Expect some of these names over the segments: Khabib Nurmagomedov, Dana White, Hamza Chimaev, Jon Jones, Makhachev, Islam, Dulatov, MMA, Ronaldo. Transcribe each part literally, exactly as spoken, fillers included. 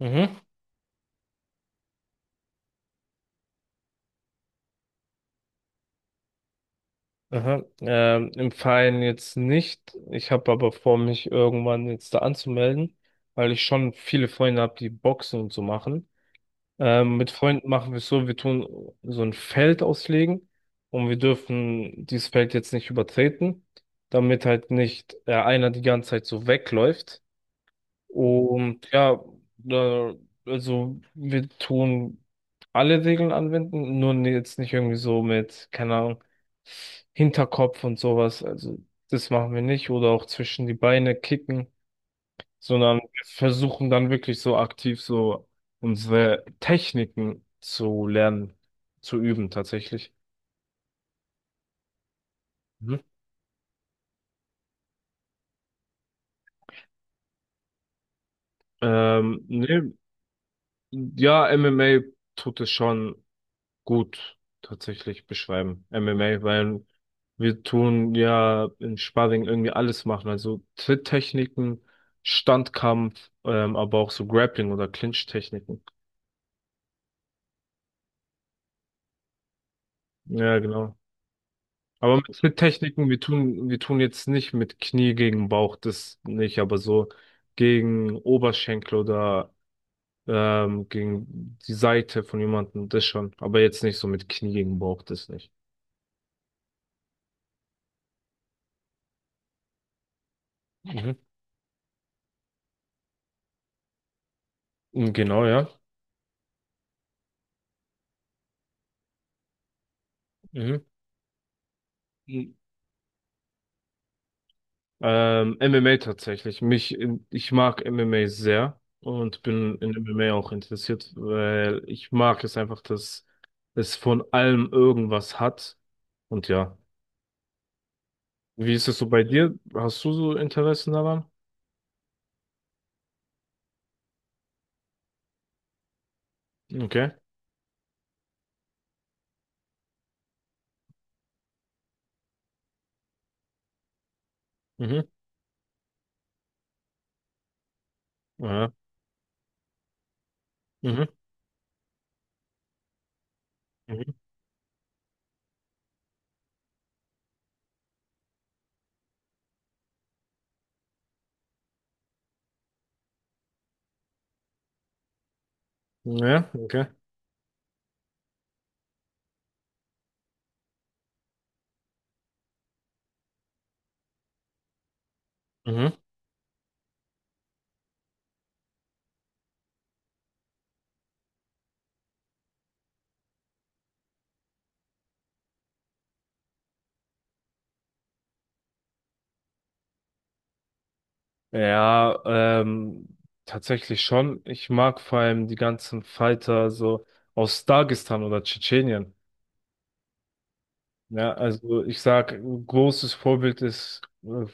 Mhm. Aha. Ähm, im Verein jetzt nicht. Ich habe aber vor, mich irgendwann jetzt da anzumelden, weil ich schon viele Freunde habe, die Boxen und so machen. Ähm, mit Freunden machen wir es so, wir tun so ein Feld auslegen, und wir dürfen dieses Feld jetzt nicht übertreten, damit halt nicht äh, einer die ganze Zeit so wegläuft. Und ja, da, also wir tun alle Regeln anwenden, nur ne- jetzt nicht irgendwie so mit, keine Ahnung, Hinterkopf und sowas. Also das machen wir nicht. Oder auch zwischen die Beine kicken, sondern wir versuchen dann wirklich so aktiv so unsere Techniken zu lernen, zu üben tatsächlich. Mhm. Ähm, ne, ja, M M A tut es schon gut tatsächlich beschreiben. M M A, weil wir tun ja im Sparring irgendwie alles machen. Also Tritttechniken, Standkampf, ähm, aber auch so Grappling oder Clinch-Techniken. Ja, genau. Aber mit Tritttechniken, wir tun, wir tun jetzt nicht mit Knie gegen Bauch, das nicht, aber so gegen Oberschenkel oder ähm, gegen die Seite von jemandem, das schon. Aber jetzt nicht so mit Knie gegen Bauch, das nicht. Mhm. Genau, ja. Mhm. Ähm, M M A tatsächlich. Mich, ich mag M M A sehr und bin in M M A auch interessiert, weil ich mag es einfach, dass es von allem irgendwas hat. Und ja, wie ist es so bei dir? Hast du so Interessen daran? Okay. Mhm. Ja. Mhm. Mhm. Ja, okay. Mhm. Ja, ähm, tatsächlich schon. Ich mag vor allem die ganzen Fighter so aus Dagestan oder Tschetschenien. Ja, also ich sag, ein großes Vorbild ist äh,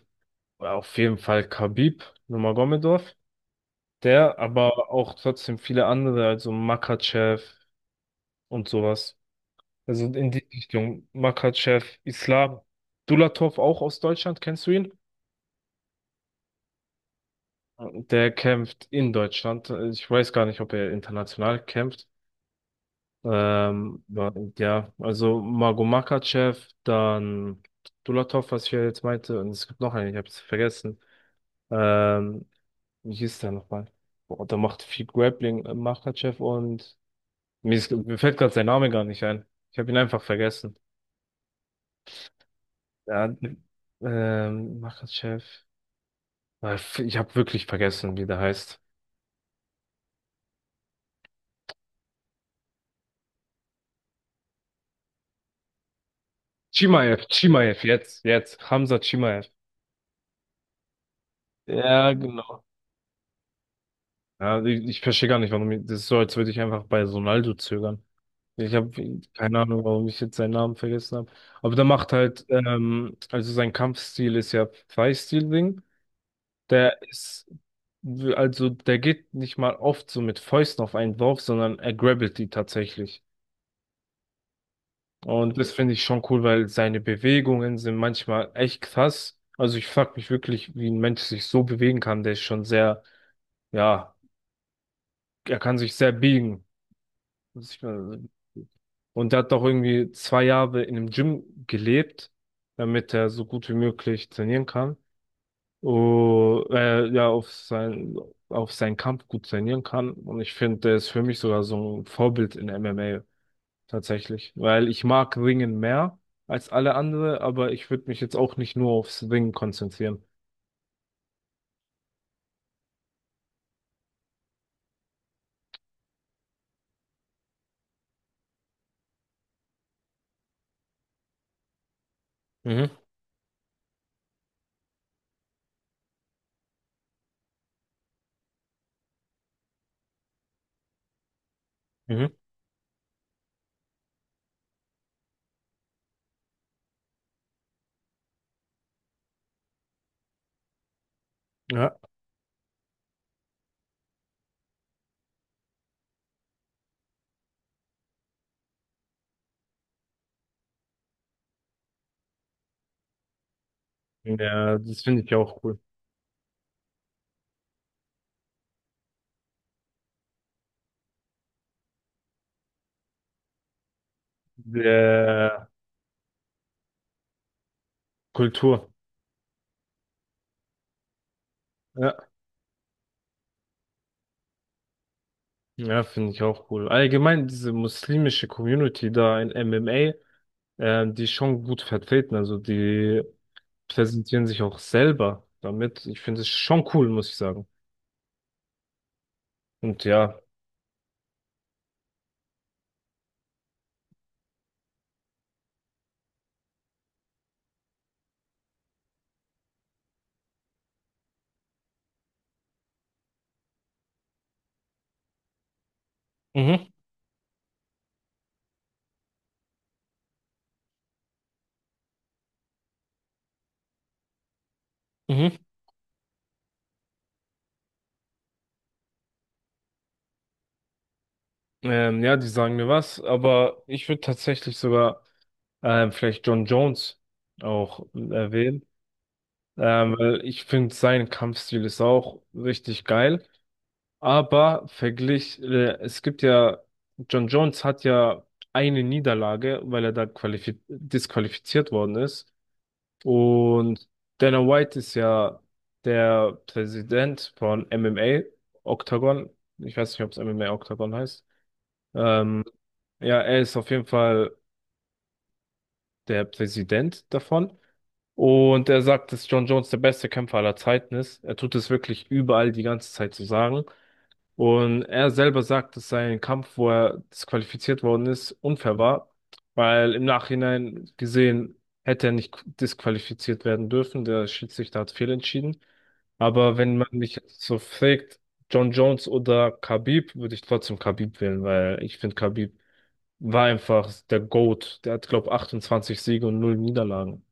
auf jeden Fall Khabib Nurmagomedov, der aber auch trotzdem viele andere, also Makhachev und sowas. Also in die Richtung Makhachev, Islam, Dulatov auch aus Deutschland, kennst du ihn? Der kämpft in Deutschland. Ich weiß gar nicht, ob er international kämpft. Ähm, ja, ja, also Mago Makhachev, dann Dulatov, was ich ja jetzt meinte, und es gibt noch einen, ich habe es vergessen. Ähm, Wie hieß der nochmal? Boah, der macht viel Grappling, äh, Makhachev und mir, ist, mir fällt gerade sein Name gar nicht ein. Ich habe ihn einfach vergessen. Ja, ähm, Makhachev. Äh, Ich habe wirklich vergessen, wie der heißt. Chimaev, Chimaev, jetzt, jetzt. Hamza Chimaev. Ja, genau. Ja, ich, ich verstehe gar nicht, warum ich, das ist so, als würde ich einfach bei Ronaldo zögern. Ich habe keine Ahnung, warum ich jetzt seinen Namen vergessen habe. Aber der macht halt, ähm, also sein Kampfstil ist ja Thai-Stil-Ding. Der ist, also der geht nicht mal oft so mit Fäusten auf einen drauf, sondern er grabbelt die tatsächlich. Und das finde ich schon cool, weil seine Bewegungen sind manchmal echt krass. Also ich frag mich wirklich, wie ein Mensch sich so bewegen kann. Der ist schon sehr, ja, er kann sich sehr biegen, muss ich mal sagen. Und der hat doch irgendwie zwei Jahre in einem Gym gelebt, damit er so gut wie möglich trainieren kann. oh, äh, ja, auf sein, auf seinen Kampf gut trainieren kann. Und ich finde, der ist für mich sogar so ein Vorbild in M M A tatsächlich. Weil ich mag Ringen mehr als alle andere, aber ich würde mich jetzt auch nicht nur aufs Ringen konzentrieren. Mhm. Mhm. Ja, ja, das finde ich auch cool. Der Kultur. Ja, ja, finde ich auch cool. Allgemein diese muslimische Community da in M M A, ähm, die ist schon gut vertreten. Also die präsentieren sich auch selber damit. Ich finde es schon cool, muss ich sagen. Und ja. Mhm, mhm. Ähm, ja, die sagen mir was, aber ich würde tatsächlich sogar ähm, vielleicht Jon Jones auch erwähnen, ähm, weil ich finde, sein Kampfstil ist auch richtig geil. Aber verglich, äh, es gibt ja, Jon Jones hat ja eine Niederlage, weil er da qualifi- disqualifiziert worden ist. Und Dana White ist ja der Präsident von M M A, Octagon. Ich weiß nicht, ob es M M A Octagon heißt. Ähm, ja, er ist auf jeden Fall der Präsident davon. Und er sagt, dass Jon Jones der beste Kämpfer aller Zeiten ist. Er tut es wirklich überall die ganze Zeit zu sagen. Und er selber sagt, dass sein Kampf, wo er disqualifiziert worden ist, unfair war, weil im Nachhinein gesehen hätte er nicht disqualifiziert werden dürfen. Der Schiedsrichter hat fehlentschieden. Aber wenn man mich jetzt so fragt, John Jones oder Khabib, würde ich trotzdem Khabib wählen, weil ich finde, Khabib war einfach der GOAT. Der hat, glaube, achtundzwanzig Siege und null Niederlagen.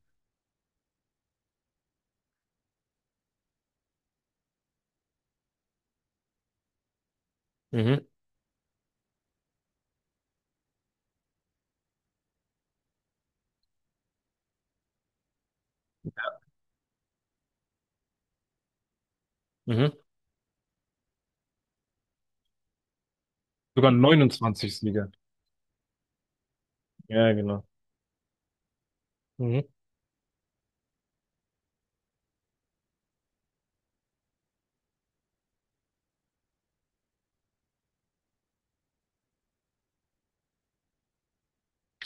Mhm. Mhm. Sogar neunundzwanzig Siege. Ja, genau. Mhm.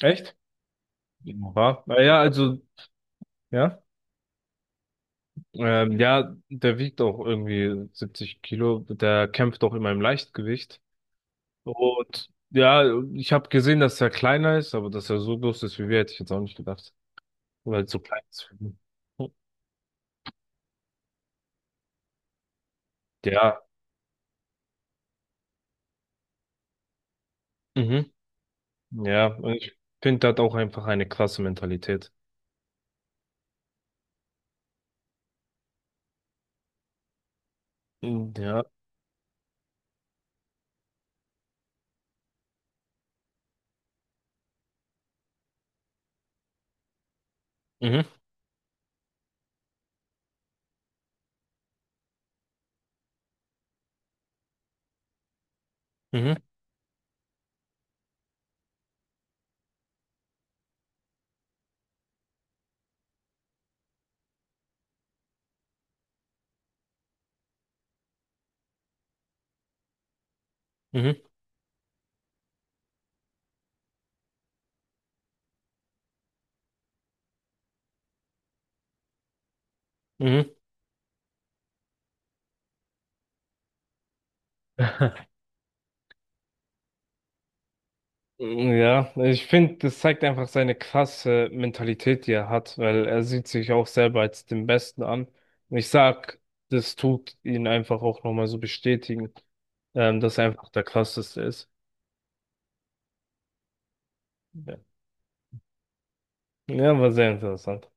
Echt? Ja, War- na ja, also, ja. Ähm, ja, der wiegt auch irgendwie siebzig Kilo. Der kämpft auch immer im Leichtgewicht. Und ja, ich habe gesehen, dass er kleiner ist, aber dass er so groß ist wie wir, hätte ich jetzt auch nicht gedacht. Weil so klein ist, für ihn. Ja, mhm. Ja, und ich finde, der hat auch einfach eine krasse Mentalität. Mhm, ja. Mhm. Mhm. Mhm. Mhm. Ja, ich finde, das zeigt einfach seine krasse Mentalität, die er hat, weil er sieht sich auch selber als den Besten an. Und ich sag, das tut ihn einfach auch nochmal so bestätigen, ähm, dass er einfach der Krasseste ist. Ja, ja, war sehr interessant.